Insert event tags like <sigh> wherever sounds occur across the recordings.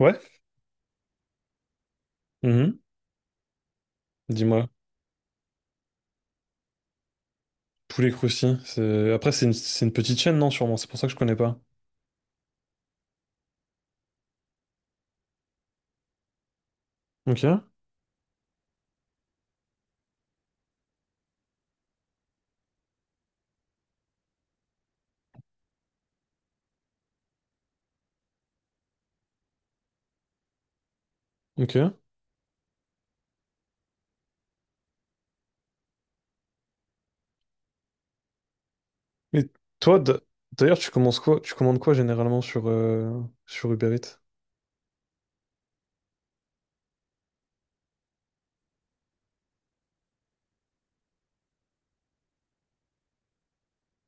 Ouais, mhm, Dis-moi. Poulet Crousty. Après, c'est une petite chaîne, non, sûrement. C'est pour ça que je connais pas. Ok, ok. Et toi, d'ailleurs, tu commences quoi? Tu commandes quoi généralement sur Uber Eats?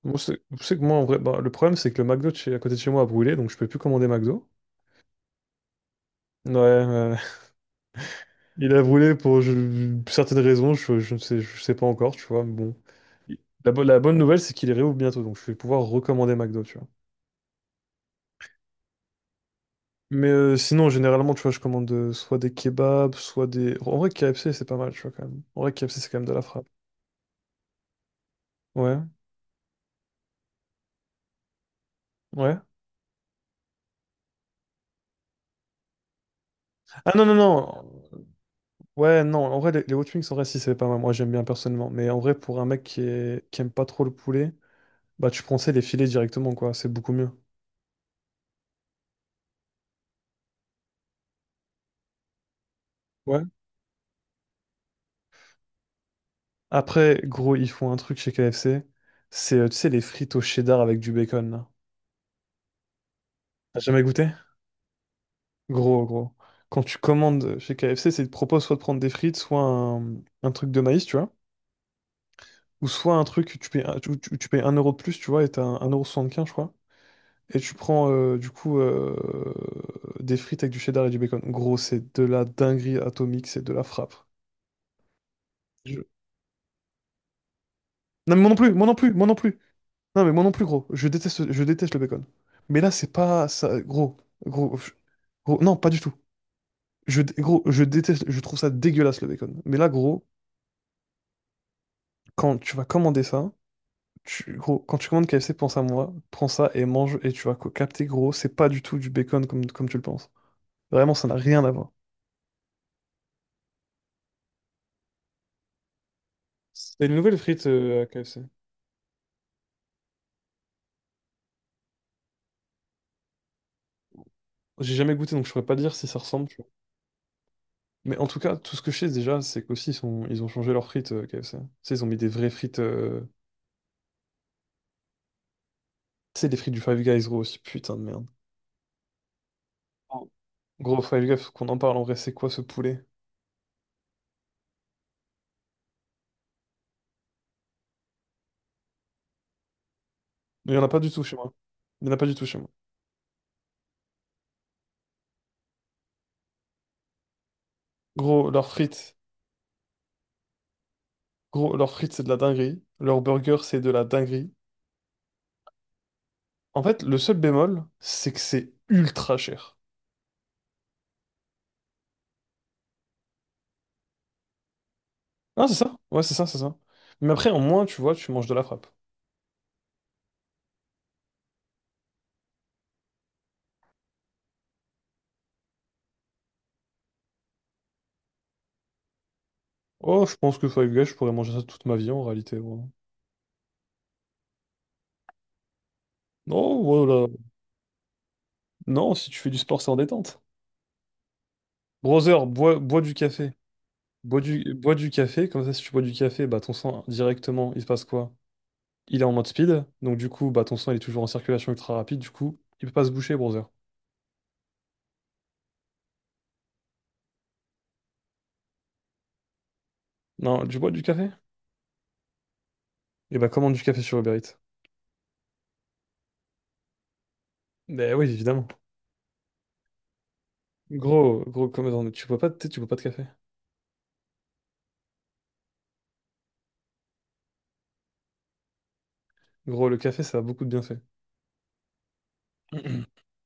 Moi, c'est tu sais que moi, en vrai, bah, le problème, c'est que le McDo à côté de chez moi a brûlé, donc je peux plus commander McDo. Ouais, ouais. Il a brûlé pour certaines raisons, je sais pas encore, tu vois, mais bon. La bonne nouvelle, c'est qu'il est réouvre bientôt, donc je vais pouvoir recommander McDo, tu vois. Mais sinon, généralement, tu vois, je commande soit des kebabs, En vrai, KFC, c'est pas mal, tu vois, quand même. En vrai, KFC, c'est quand même de la frappe. Ouais, ouais. Ah non, non, non. Ouais, non, en vrai, les hot wings, en vrai, si, c'est pas mal. Moi, j'aime bien personnellement. Mais en vrai, pour un mec qui aime pas trop le poulet, bah, tu prends, tu sais, les filets directement, quoi. C'est beaucoup mieux. Ouais. Après, gros, ils font un truc chez KFC. C'est, tu sais, les frites au cheddar avec du bacon, là. T'as jamais goûté? Gros, gros. Quand tu commandes chez KFC, c'est ils te proposent soit de prendre des frites, soit un truc de maïs, tu vois. Ou soit un truc, où tu payes, tu payes 1 euro de plus, tu vois, et t'as 1,75€, je crois. Et tu prends, du coup, des frites avec du cheddar et du bacon. Gros, c'est de la dinguerie atomique, c'est de la frappe. Je- Non, mais moi non plus, moi non plus, moi non plus. Non, mais moi non plus, gros. Je déteste le bacon. Mais là, c'est pas ça, gros. Gros, gros, non, pas du tout. Gros, je déteste, je trouve ça dégueulasse, le bacon. Mais là, gros, quand tu vas commander ça, gros, quand tu commandes KFC, pense à moi, prends ça et mange et tu vas capter, gros, c'est pas du tout du bacon comme tu le penses. Vraiment, ça n'a rien à voir. C'est une nouvelle frite à KFC. J'ai jamais goûté, donc je pourrais pas dire si ça ressemble, tu vois. Mais en tout cas, tout ce que je sais déjà, c'est qu'aussi, ils ont changé leurs frites KFC. Tu sais, ils ont mis des vraies frites. Tu sais, des frites du Five Guys, gros, aussi, putain de merde. Oh. Gros, Five Guys, faut qu'on en parle en vrai, c'est quoi ce poulet? Il y en a pas du tout chez moi. Il y en a pas du tout chez moi. Gros, leurs frites, gros, leurs frites, c'est de la dinguerie. Leur burger, c'est de la dinguerie. En fait, le seul bémol, c'est que c'est ultra cher. Ah, c'est ça? Ouais, c'est ça, c'est ça. Mais après, en moins, tu vois, tu manges de la frappe. Oh, je pense que Five Guys, je pourrais manger ça toute ma vie en réalité. Ouais. Non, voilà. Non, si tu fais du sport, c'est en détente. Brother, bois du café. Bois du café, comme ça, si tu bois du café, bah ton sang directement, il se passe quoi? Il est en mode speed, donc du coup, bah ton sang il est toujours en circulation ultra rapide, du coup, il peut pas se boucher, brother. Non, tu bois du café? Et bah commande du café sur Uber Eats. Ben oui, évidemment. Gros, gros, comme attends, mais tu bois pas de thé, tu bois pas de café. Gros, le café, ça a beaucoup de bienfaits.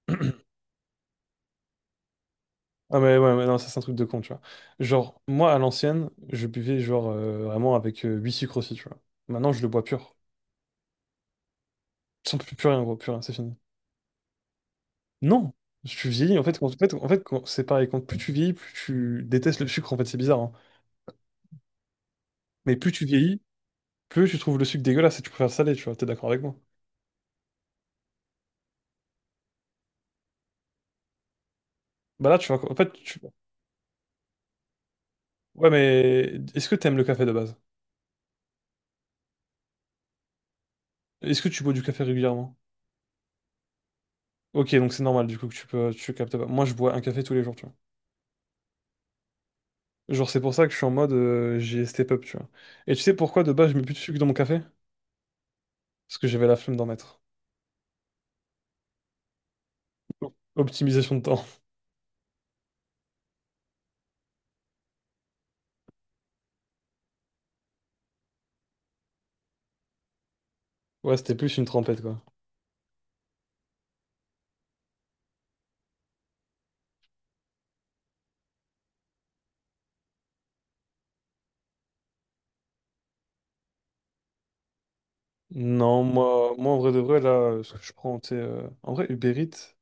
<clears throat> Ah mais ouais, mais non, ça c'est un truc de con, tu vois. Genre, moi, à l'ancienne, je buvais genre vraiment avec 8 sucres aussi, tu vois. Maintenant, je le bois pur. Sans plus, plus rien, gros, plus rien, c'est fini. Non! Je suis vieilli, en fait, en fait, c'est pareil, quand plus tu vieillis, plus tu détestes le sucre, en fait, c'est bizarre, hein. Mais plus tu vieillis, plus tu trouves le sucre dégueulasse et tu préfères le salé, tu vois, t'es d'accord avec moi? Bah là, tu vois, en fait. Ouais, mais est-ce que t'aimes le café de base? Est-ce que tu bois du café régulièrement? Ok, donc c'est normal du coup que tu captes pas. Moi, je bois un café tous les jours, tu vois. Genre, c'est pour ça que je suis en mode j'ai step up, tu vois. Et tu sais pourquoi de base je mets plus de sucre dans mon café? Parce que j'avais la flemme d'en mettre. Optimisation de temps. <laughs> Ouais, c'était plus une trempette, quoi. Non, moi en vrai de vrai, là, ce que je prends, tu sais, en vrai, Uber Eats,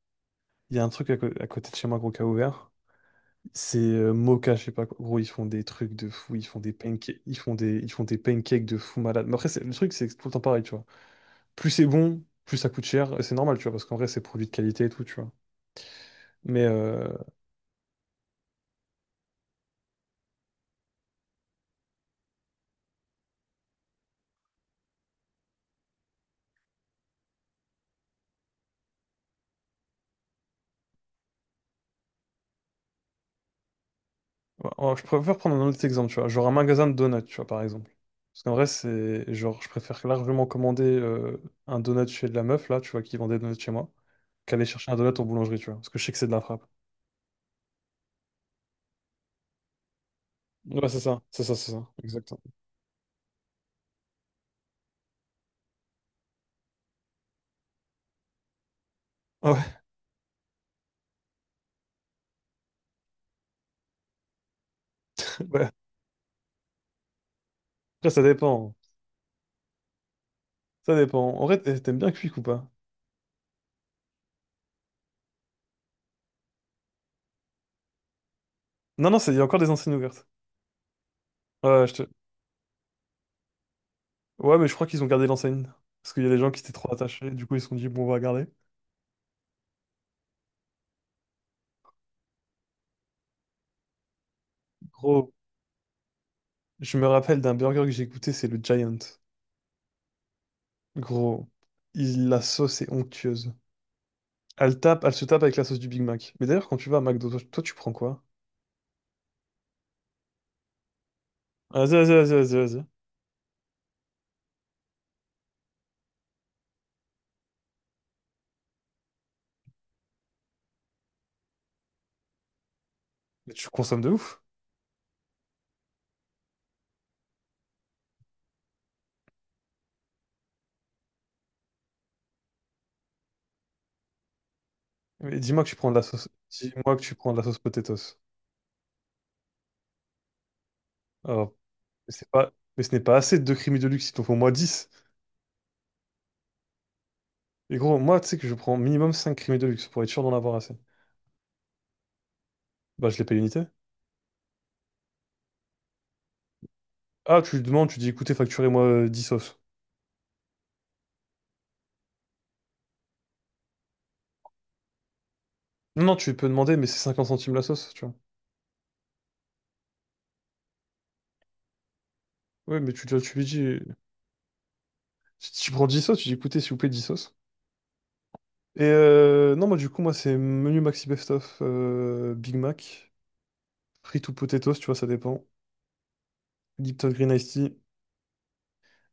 il y a un truc à côté de chez moi, gros, qui a ouvert. C'est Moka, je sais pas quoi. Gros, ils font des trucs de fou, ils font des pancakes, ils font des pancakes de fou malade. Mais après, le truc, c'est que c'est tout le temps pareil, tu vois. Plus c'est bon, plus ça coûte cher. Et c'est normal, tu vois, parce qu'en vrai, c'est produit de qualité et tout, tu vois. Mais ouais, oh, je préfère prendre un autre exemple, tu vois. Genre un magasin de donuts, tu vois, par exemple. Parce qu'en vrai, c'est genre, je préfère largement commander un donut chez de la meuf, là, tu vois, qui vend des donuts chez moi, qu'aller chercher un donut en boulangerie, tu vois. Parce que je sais que c'est de la frappe. Ouais, c'est ça, c'est ça, c'est ça, exactement. Ah, ouais, <laughs> ouais. Après, ça dépend. Ça dépend. En vrai, t'aimes bien Quick ou pas? Non, non, il y a encore des enseignes ouvertes. Ouais, je te- ouais, mais je crois qu'ils ont gardé l'enseigne. Parce qu'il y a des gens qui étaient trop attachés, du coup, ils se sont dit, bon, on va garder. Gros, je me rappelle d'un burger que j'ai goûté, c'est le Giant. Gros, la sauce est onctueuse. Elle se tape avec la sauce du Big Mac. Mais d'ailleurs, quand tu vas à McDo, toi, toi, tu prends quoi? Ah, vas-y, vas-y, vas-y, vas-y, vas-y. Mais tu consommes de ouf. Mais dis-moi que tu prends de la sauce. Dis-moi que tu prends de la sauce potatoes. Alors, mais ce n'est pas assez de deux creamy de luxe, il t'en faut au moins 10. Et gros, moi, tu sais que je prends minimum 5 creamy de luxe pour être sûr d'en avoir assez. Bah, je les paye unité. Ah, tu lui demandes, tu dis, écoutez, facturez-moi 10 sauces. Non, non, tu peux demander, mais c'est 50 centimes la sauce, tu vois. Oui, mais tu lui dis. Tu prends 10 sauces, tu dis écoutez, s'il vous plaît, 10 sauces. Et non, moi, du coup, moi, c'est menu Maxi Best of Big Mac, frites ou potatoes, tu vois, ça dépend. Lipton Green Iced Tea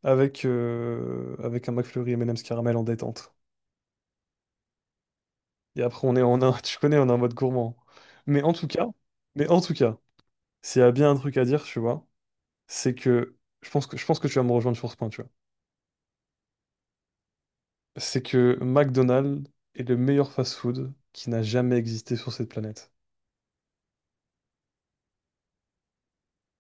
avec un McFlurry M&M's caramel en détente. Et après, on est en un, <laughs> tu connais, on est en mode gourmand. Mais en tout cas, mais en tout cas, s'il y a bien un truc à dire, tu vois, c'est que je pense que tu vas me rejoindre sur ce point, tu vois. C'est que McDonald's est le meilleur fast-food qui n'a jamais existé sur cette planète.